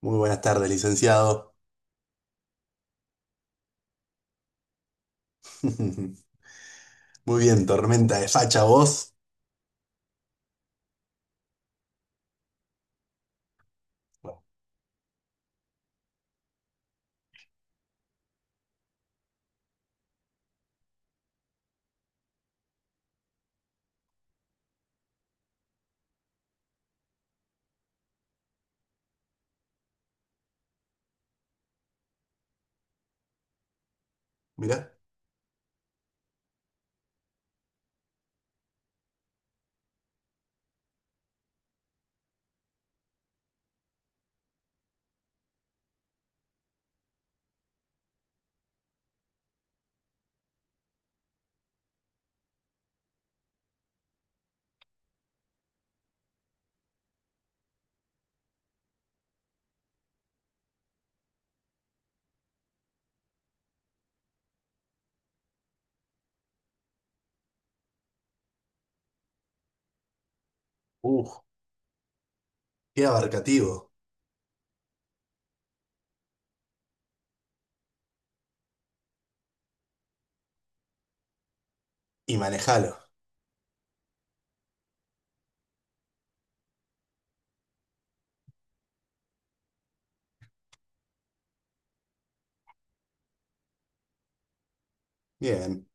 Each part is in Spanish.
Muy buenas tardes, licenciado. Muy bien, tormenta de facha vos. Bueno, mirá, uh, qué abarcativo. Y manejalo. Bien.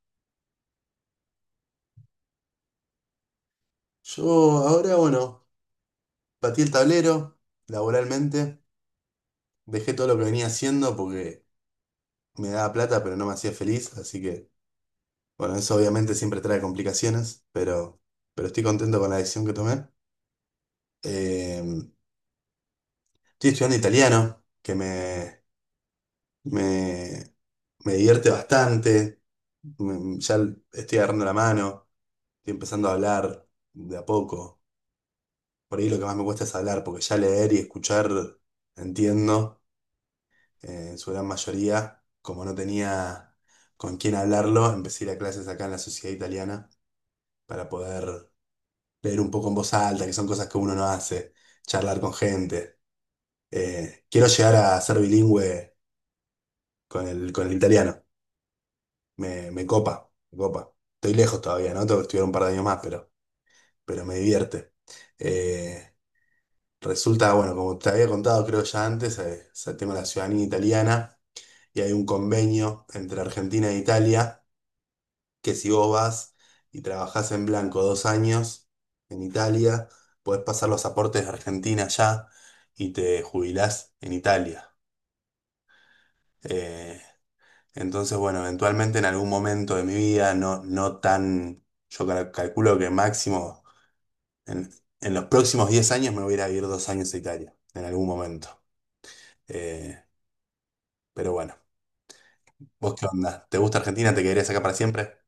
Yo ahora, bueno, batí el tablero laboralmente. Dejé todo lo que venía haciendo porque me daba plata, pero no me hacía feliz. Así que, bueno, eso obviamente siempre trae complicaciones, pero estoy contento con la decisión que tomé. Eh, estoy estudiando italiano, que me, me divierte bastante. Ya estoy agarrando la mano, estoy empezando a hablar de a poco. Por ahí lo que más me cuesta es hablar, porque ya leer y escuchar entiendo en su gran mayoría. Como no tenía con quién hablarlo, empecé a ir a clases acá en la Sociedad Italiana para poder leer un poco en voz alta, que son cosas que uno no hace, charlar con gente. Quiero llegar a ser bilingüe con el italiano. Me copa, me copa. Estoy lejos todavía, ¿no? Tengo que estudiar un par de años más, pero me divierte. Eh, resulta, bueno, como te había contado creo ya antes, es el tema de la ciudadanía italiana y hay un convenio entre Argentina e Italia que si vos vas y trabajás en blanco 2 años en Italia, podés pasar los aportes de Argentina ya y te jubilás en Italia. Eh, entonces, bueno, eventualmente en algún momento de mi vida, no, no tan, yo calculo que máximo En, en los próximos 10 años me voy a ir a vivir 2 años a Italia, en algún momento. Eh, pero bueno, ¿vos qué onda? ¿Te gusta Argentina? ¿Te quedarías acá para siempre?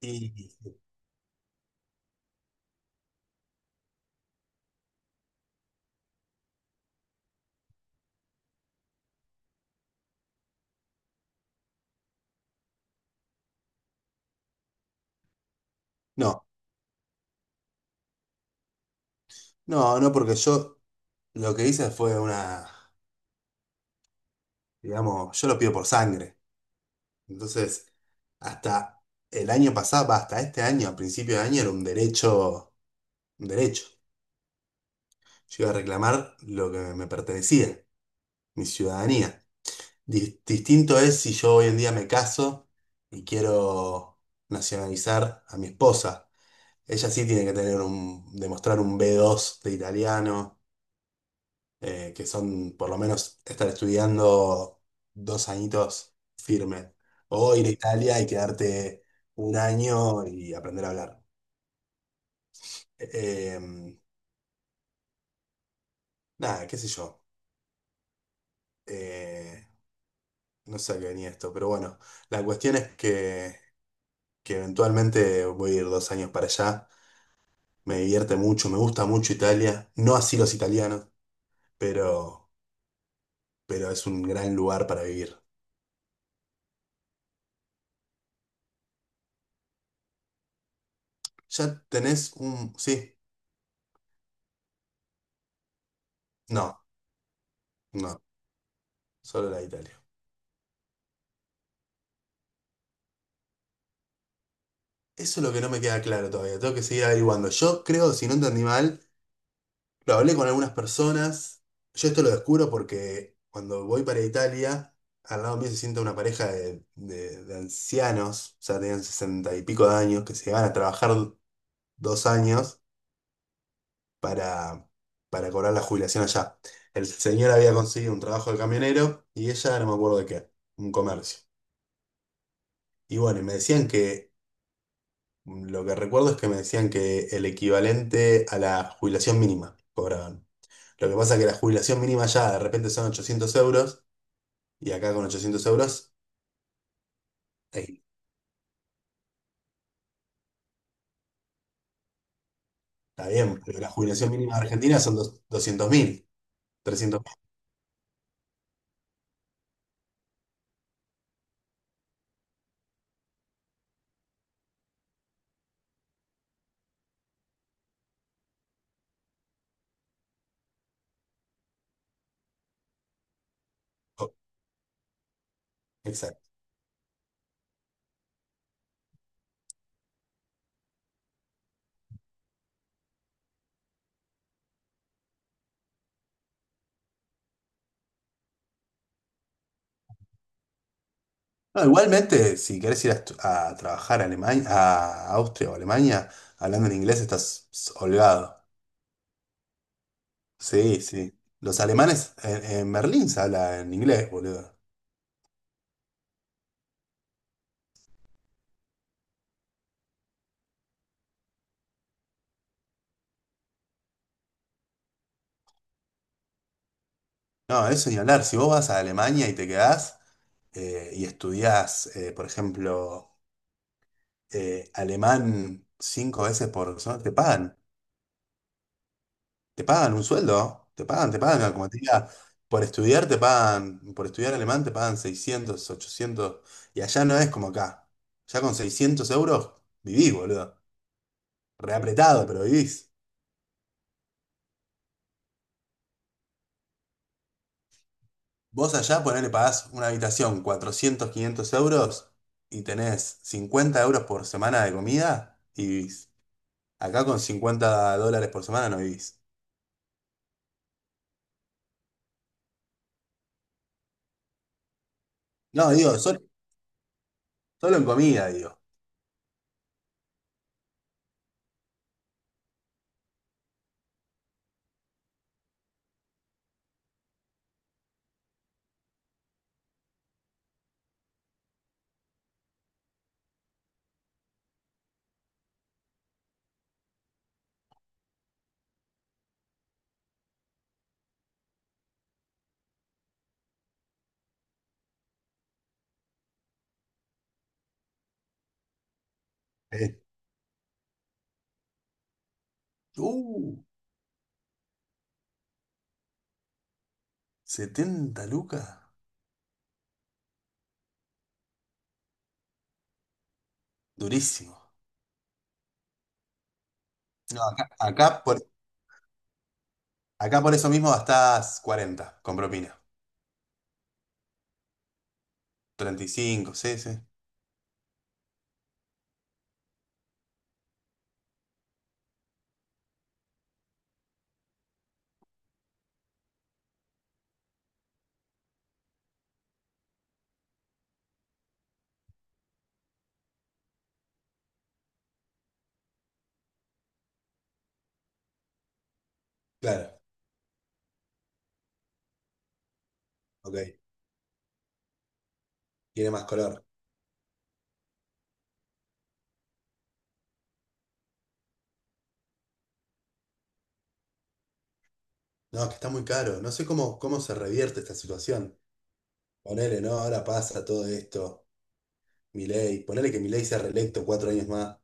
Y no, no, no, porque yo lo que hice fue una, digamos, yo lo pido por sangre. Entonces, hasta el año pasado, va, hasta este año, a principio de año, era un derecho, un derecho. Yo iba a reclamar lo que me pertenecía, mi ciudadanía. Distinto es si yo hoy en día me caso y quiero nacionalizar a mi esposa. Ella sí tiene que tener demostrar un B2 de italiano, que son por lo menos estar estudiando 2 añitos firme. O ir a Italia y quedarte un año y aprender a hablar. Eh, em, nada, qué sé yo. Eh, no sé a qué venía esto, pero bueno, la cuestión es que eventualmente voy a ir 2 años para allá. Me divierte mucho, me gusta mucho Italia. No así los italianos, pero, pero es un gran lugar para vivir. ¿Ya tenés un? Sí, no, no, solo la de Italia. Eso es lo que no me queda claro todavía. Tengo que seguir averiguando. Yo creo, si no entendí mal, lo hablé con algunas personas. Yo esto lo descubro porque cuando voy para Italia, al lado mío se sienta una pareja de ancianos, o sea, tenían sesenta y pico de años, que se van a trabajar 2 años para, para cobrar la jubilación allá. El señor había conseguido un trabajo de camionero y ella no me acuerdo de qué, un comercio. Y bueno, y me decían que, lo que recuerdo es que me decían que el equivalente a la jubilación mínima cobraban. Lo que pasa es que la jubilación mínima ya de repente son 800 euros y acá con 800 euros, eh, está bien, pero la jubilación mínima de Argentina son dos 200.000 300 300.000. No, igualmente, si querés ir a trabajar a Alemania, a Austria o Alemania, hablando en inglés estás holgado. Sí, sí. Los alemanes en Berlín se habla en inglés, boludo. No, eso ni hablar. Si vos vas a Alemania y te quedás y estudiás, por ejemplo, alemán 5 veces por semana, te pagan. Te pagan un sueldo, te pagan, como te diga, por estudiar te pagan, por estudiar alemán te pagan 600 800 y allá no es como acá. Ya con 600 euros vivís, boludo. Reapretado, pero vivís. Vos allá ponele, pagás una habitación 400 500 euros y tenés 50 euros por semana de comida y vivís. Acá con $50 por semana no vivís. No, digo, solo, en comida, digo. Eh, uh, 70 lucas. Durísimo. No, acá por eso mismo gastás 40 con propina. 35 sí, sí. Claro, ok. Tiene más color. No, es que está muy caro. No sé cómo se revierte esta situación. Ponele, ¿no? Ahora pasa todo esto. Milei. Ponele que Milei sea reelecto 4 años más.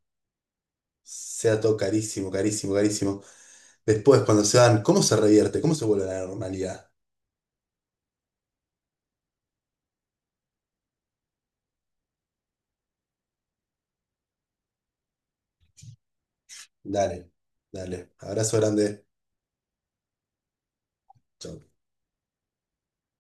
Sea todo carísimo, carísimo, carísimo. Después, cuando se dan, ¿cómo se revierte? ¿Cómo se vuelve a la normalidad? Dale, dale. Abrazo grande. Chau.